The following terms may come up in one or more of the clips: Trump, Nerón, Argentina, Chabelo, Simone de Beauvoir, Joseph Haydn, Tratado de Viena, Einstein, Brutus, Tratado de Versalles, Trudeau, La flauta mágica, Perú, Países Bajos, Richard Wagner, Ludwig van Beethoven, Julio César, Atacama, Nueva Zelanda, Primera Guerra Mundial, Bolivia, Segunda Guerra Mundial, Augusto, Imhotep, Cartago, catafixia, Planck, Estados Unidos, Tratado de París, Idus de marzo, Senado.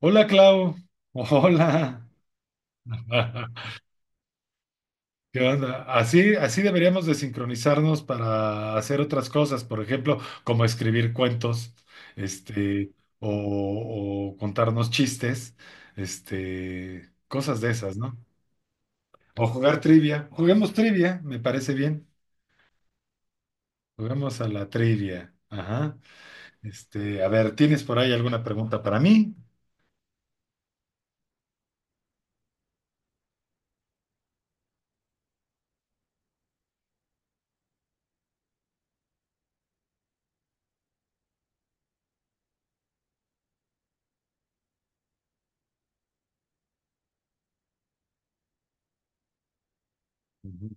Hola, Clau. Hola. ¿Qué onda? Así, así deberíamos de sincronizarnos para hacer otras cosas, por ejemplo, como escribir cuentos, este, o contarnos chistes, cosas de esas, ¿no? O jugar trivia. Juguemos trivia, me parece bien. Juguemos a la trivia. Ajá. A ver, ¿tienes por ahí alguna pregunta para mí? Ujú.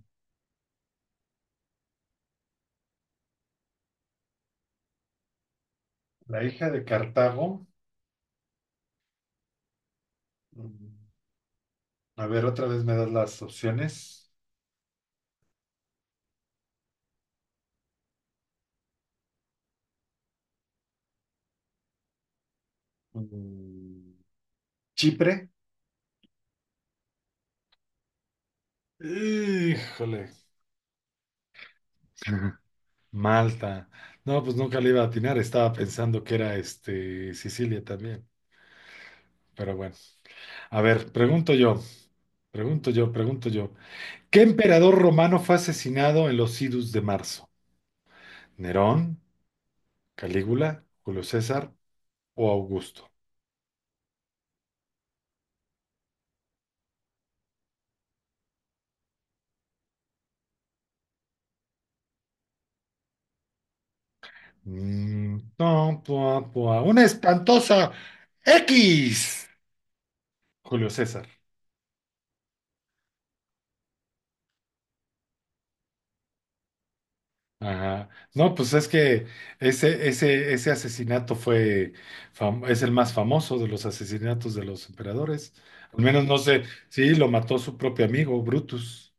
La hija de Cartago. Mm, A ver, otra vez me das las opciones. Mm, Chipre. Híjole, Malta. No, pues nunca le iba a atinar, estaba pensando que era Sicilia también. Pero bueno, a ver, pregunto yo, pregunto yo, pregunto yo. ¿Qué emperador romano fue asesinado en los Idus de marzo? ¿Nerón, Calígula, Julio César o Augusto? No, pua, pua. Una espantosa X. Julio César. Ajá. No, pues es que ese asesinato fue, es el más famoso de los asesinatos de los emperadores. Al menos no sé, sí, lo mató su propio amigo, Brutus,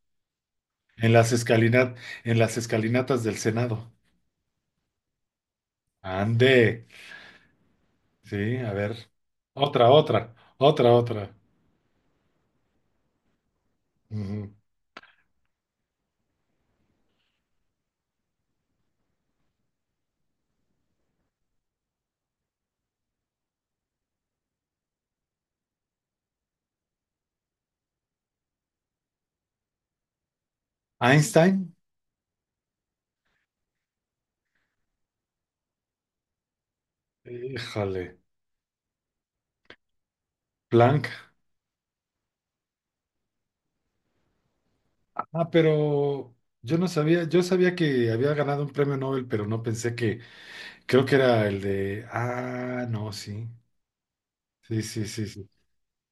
en las escalinat, en las escalinatas del Senado. Ande. Sí, a ver. Otra, otra, otra, otra. Ujú. Einstein. Híjole. Planck. Ah, pero yo no sabía, yo sabía que había ganado un premio Nobel, pero no pensé que. Creo que era el de. Ah, no, sí. Sí, sí, sí, sí.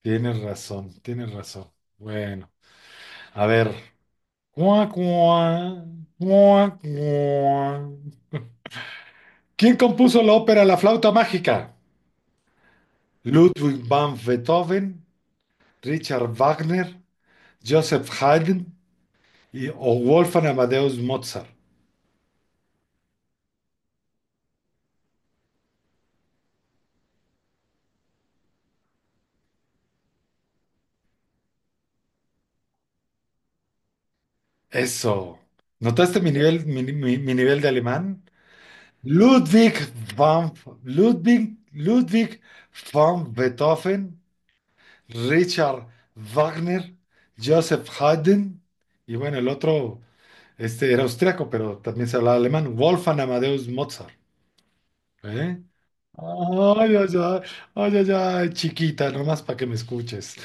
Tienes razón, tienes razón. Bueno, a ver. Cuá, cuá, cuá, cuá. ¿Quién compuso la ópera La flauta mágica? Ludwig van Beethoven, Richard Wagner, Joseph Haydn y, o Wolfgang Amadeus Mozart. Eso. ¿Notaste mi nivel, mi nivel de alemán? Ludwig van, Ludwig van Beethoven, Richard Wagner, Joseph Haydn, y bueno, el otro era austriaco, pero también se hablaba alemán, Wolfgang Amadeus Mozart. ¿Eh? Ay, ay, ay, ay, ay, ay, chiquita, nomás para que me escuches.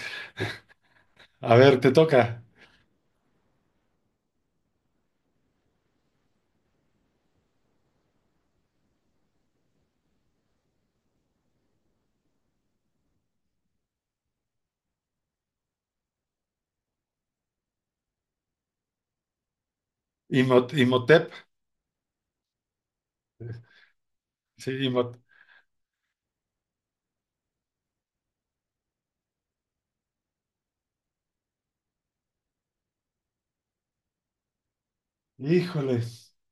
A ver, te toca. Imhotep, sí, Imhotep. Híjole,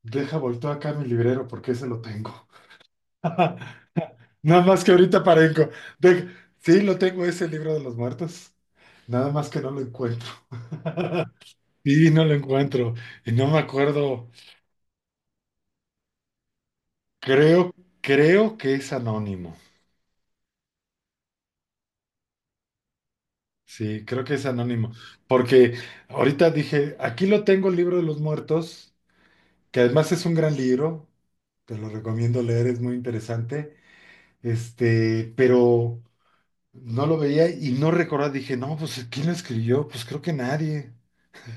deja volteo acá mi librero porque ese lo tengo. Nada más que ahorita parezco. De- Sí, lo tengo, ese libro de los muertos. Nada más que no lo encuentro. Sí, no lo encuentro. Y no me acuerdo. Creo, creo que es anónimo. Sí, creo que es anónimo. Porque ahorita dije, aquí lo tengo el libro de los muertos, que además es un gran libro. Te lo recomiendo leer, es muy interesante. Pero no lo veía y no recordaba. Dije, no, pues ¿quién lo escribió? Pues creo que nadie.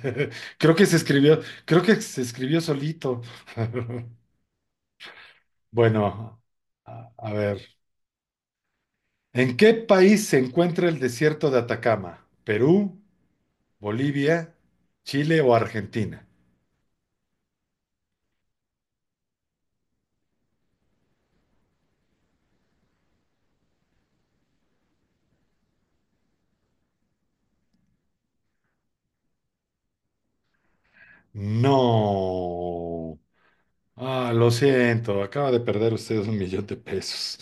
Creo que se escribió solito. Bueno, a ver. ¿En qué país se encuentra el desierto de Atacama? ¿Perú, Bolivia, Chile o Argentina? No. Ah, lo siento, acaba de perder ustedes 1 millón de pesos.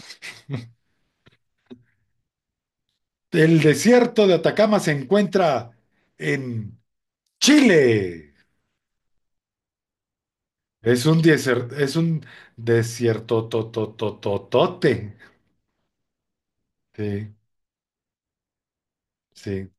El desierto de Atacama se encuentra en Chile. Es un desierto totototote. Sí, sí.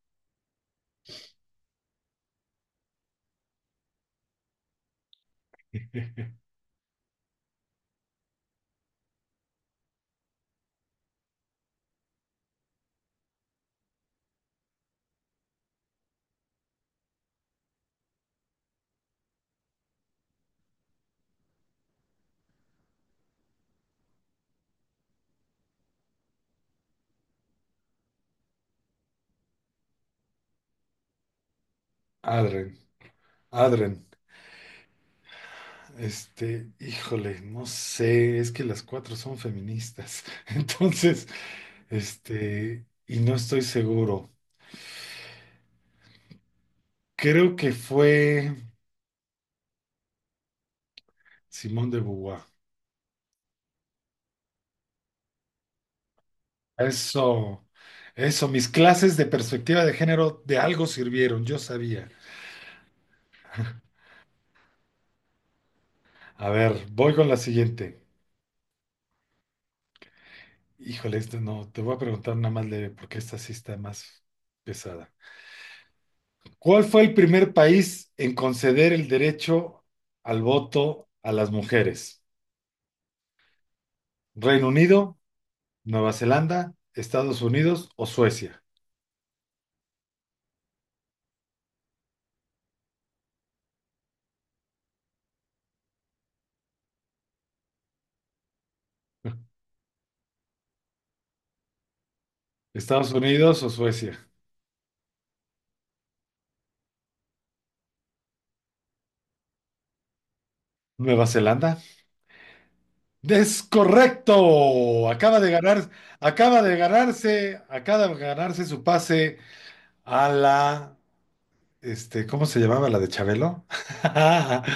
Adren, Adren, híjole, no sé, es que las cuatro son feministas, entonces, y no estoy seguro. Creo que fue Simone de Beauvoir. Eso, eso, mis clases de perspectiva de género de algo sirvieron, yo sabía. A ver, voy con la siguiente. Híjole, esta no, te voy a preguntar nada más leve, porque esta sí está más pesada. ¿Cuál fue el primer país en conceder el derecho al voto a las mujeres? ¿Reino Unido, Nueva Zelanda, Estados Unidos o Suecia? Estados Unidos o Suecia. Nueva Zelanda. Es correcto. Acaba de ganarse su pase a la, ¿cómo se llamaba la de Chabelo?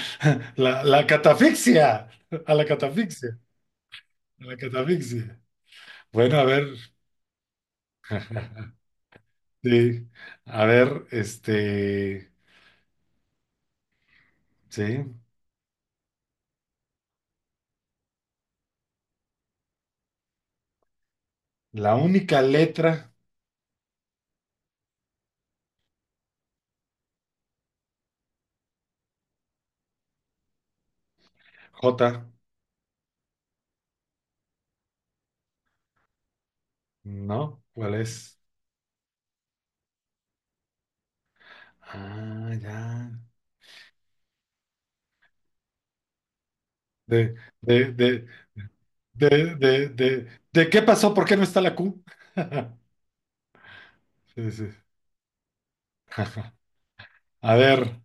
La catafixia. A la catafixia. A la catafixia. Bueno, a ver. Sí, a ver, sí, la única letra J, ¿no? ¿Cuál es? Ah, ya. De, de, de, de, de, de, ¿De qué pasó? ¿Por qué no está la Q? Sí, sí. A ver,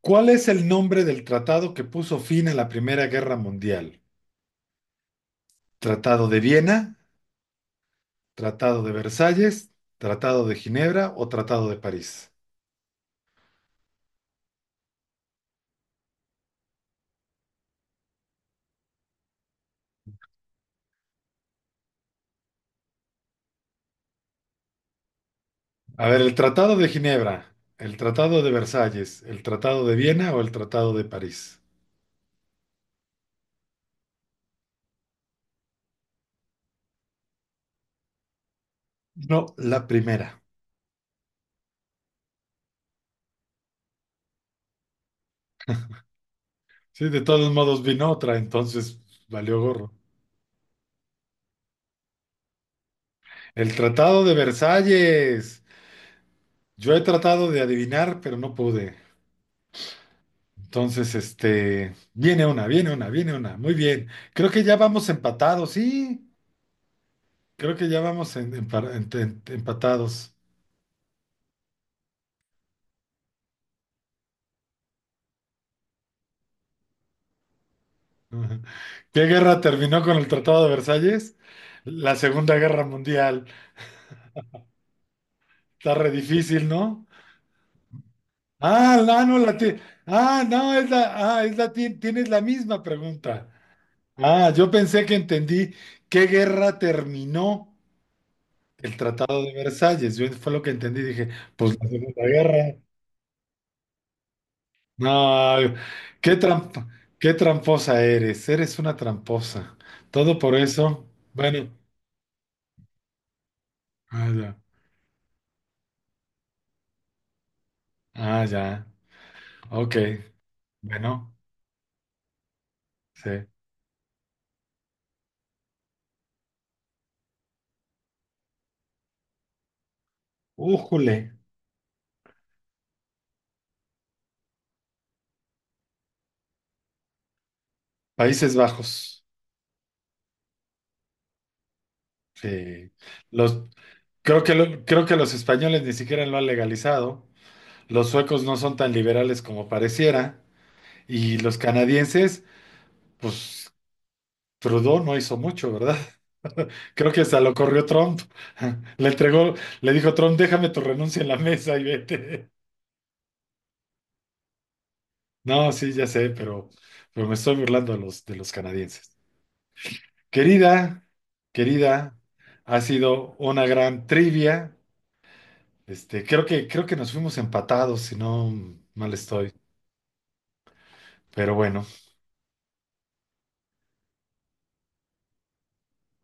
¿cuál es el nombre del tratado que puso fin a la Primera Guerra Mundial? ¿Tratado de Viena, Tratado de Versalles, Tratado de Ginebra o Tratado de París? A ver, el Tratado de Ginebra, el Tratado de Versalles, el Tratado de Viena o el Tratado de París. No, la primera. Sí, de todos modos vino otra, entonces valió gorro. El Tratado de Versalles. Yo he tratado de adivinar, pero no pude. Entonces, viene una, viene una, viene una. Muy bien. Creo que ya vamos empatados, sí. Creo que ya vamos empatados. ¿Qué guerra terminó con el Tratado de Versalles? La Segunda Guerra Mundial. Está re difícil, ¿no? Ah, no, no, ah, no, es la, ah, es la ti- tienes la misma pregunta. Ah, yo pensé que entendí qué guerra terminó el Tratado de Versalles. Yo fue lo que entendí, dije, pues la Segunda Guerra. No, qué trampa, qué tramposa eres, eres una tramposa. Todo por eso. Bueno, ah, ya. Ah, ya. Ok. Bueno, sí. Újule. Países Bajos. Sí. Los, creo que los españoles ni siquiera lo han legalizado, los suecos no son tan liberales como pareciera, y los canadienses, pues Trudeau no hizo mucho, ¿verdad? Creo que hasta lo corrió Trump, le entregó, le dijo Trump, déjame tu renuncia en la mesa y vete. No, sí, ya sé, pero, me estoy burlando de los canadienses. Querida, querida, ha sido una gran trivia. Creo que nos fuimos empatados, si no mal estoy, pero bueno.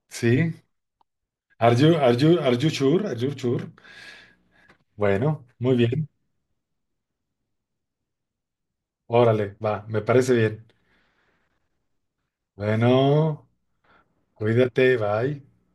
Sí. Are you sure? Are you sure? Bueno, muy bien. Órale, va, me parece bien. Bueno, cuídate, bye.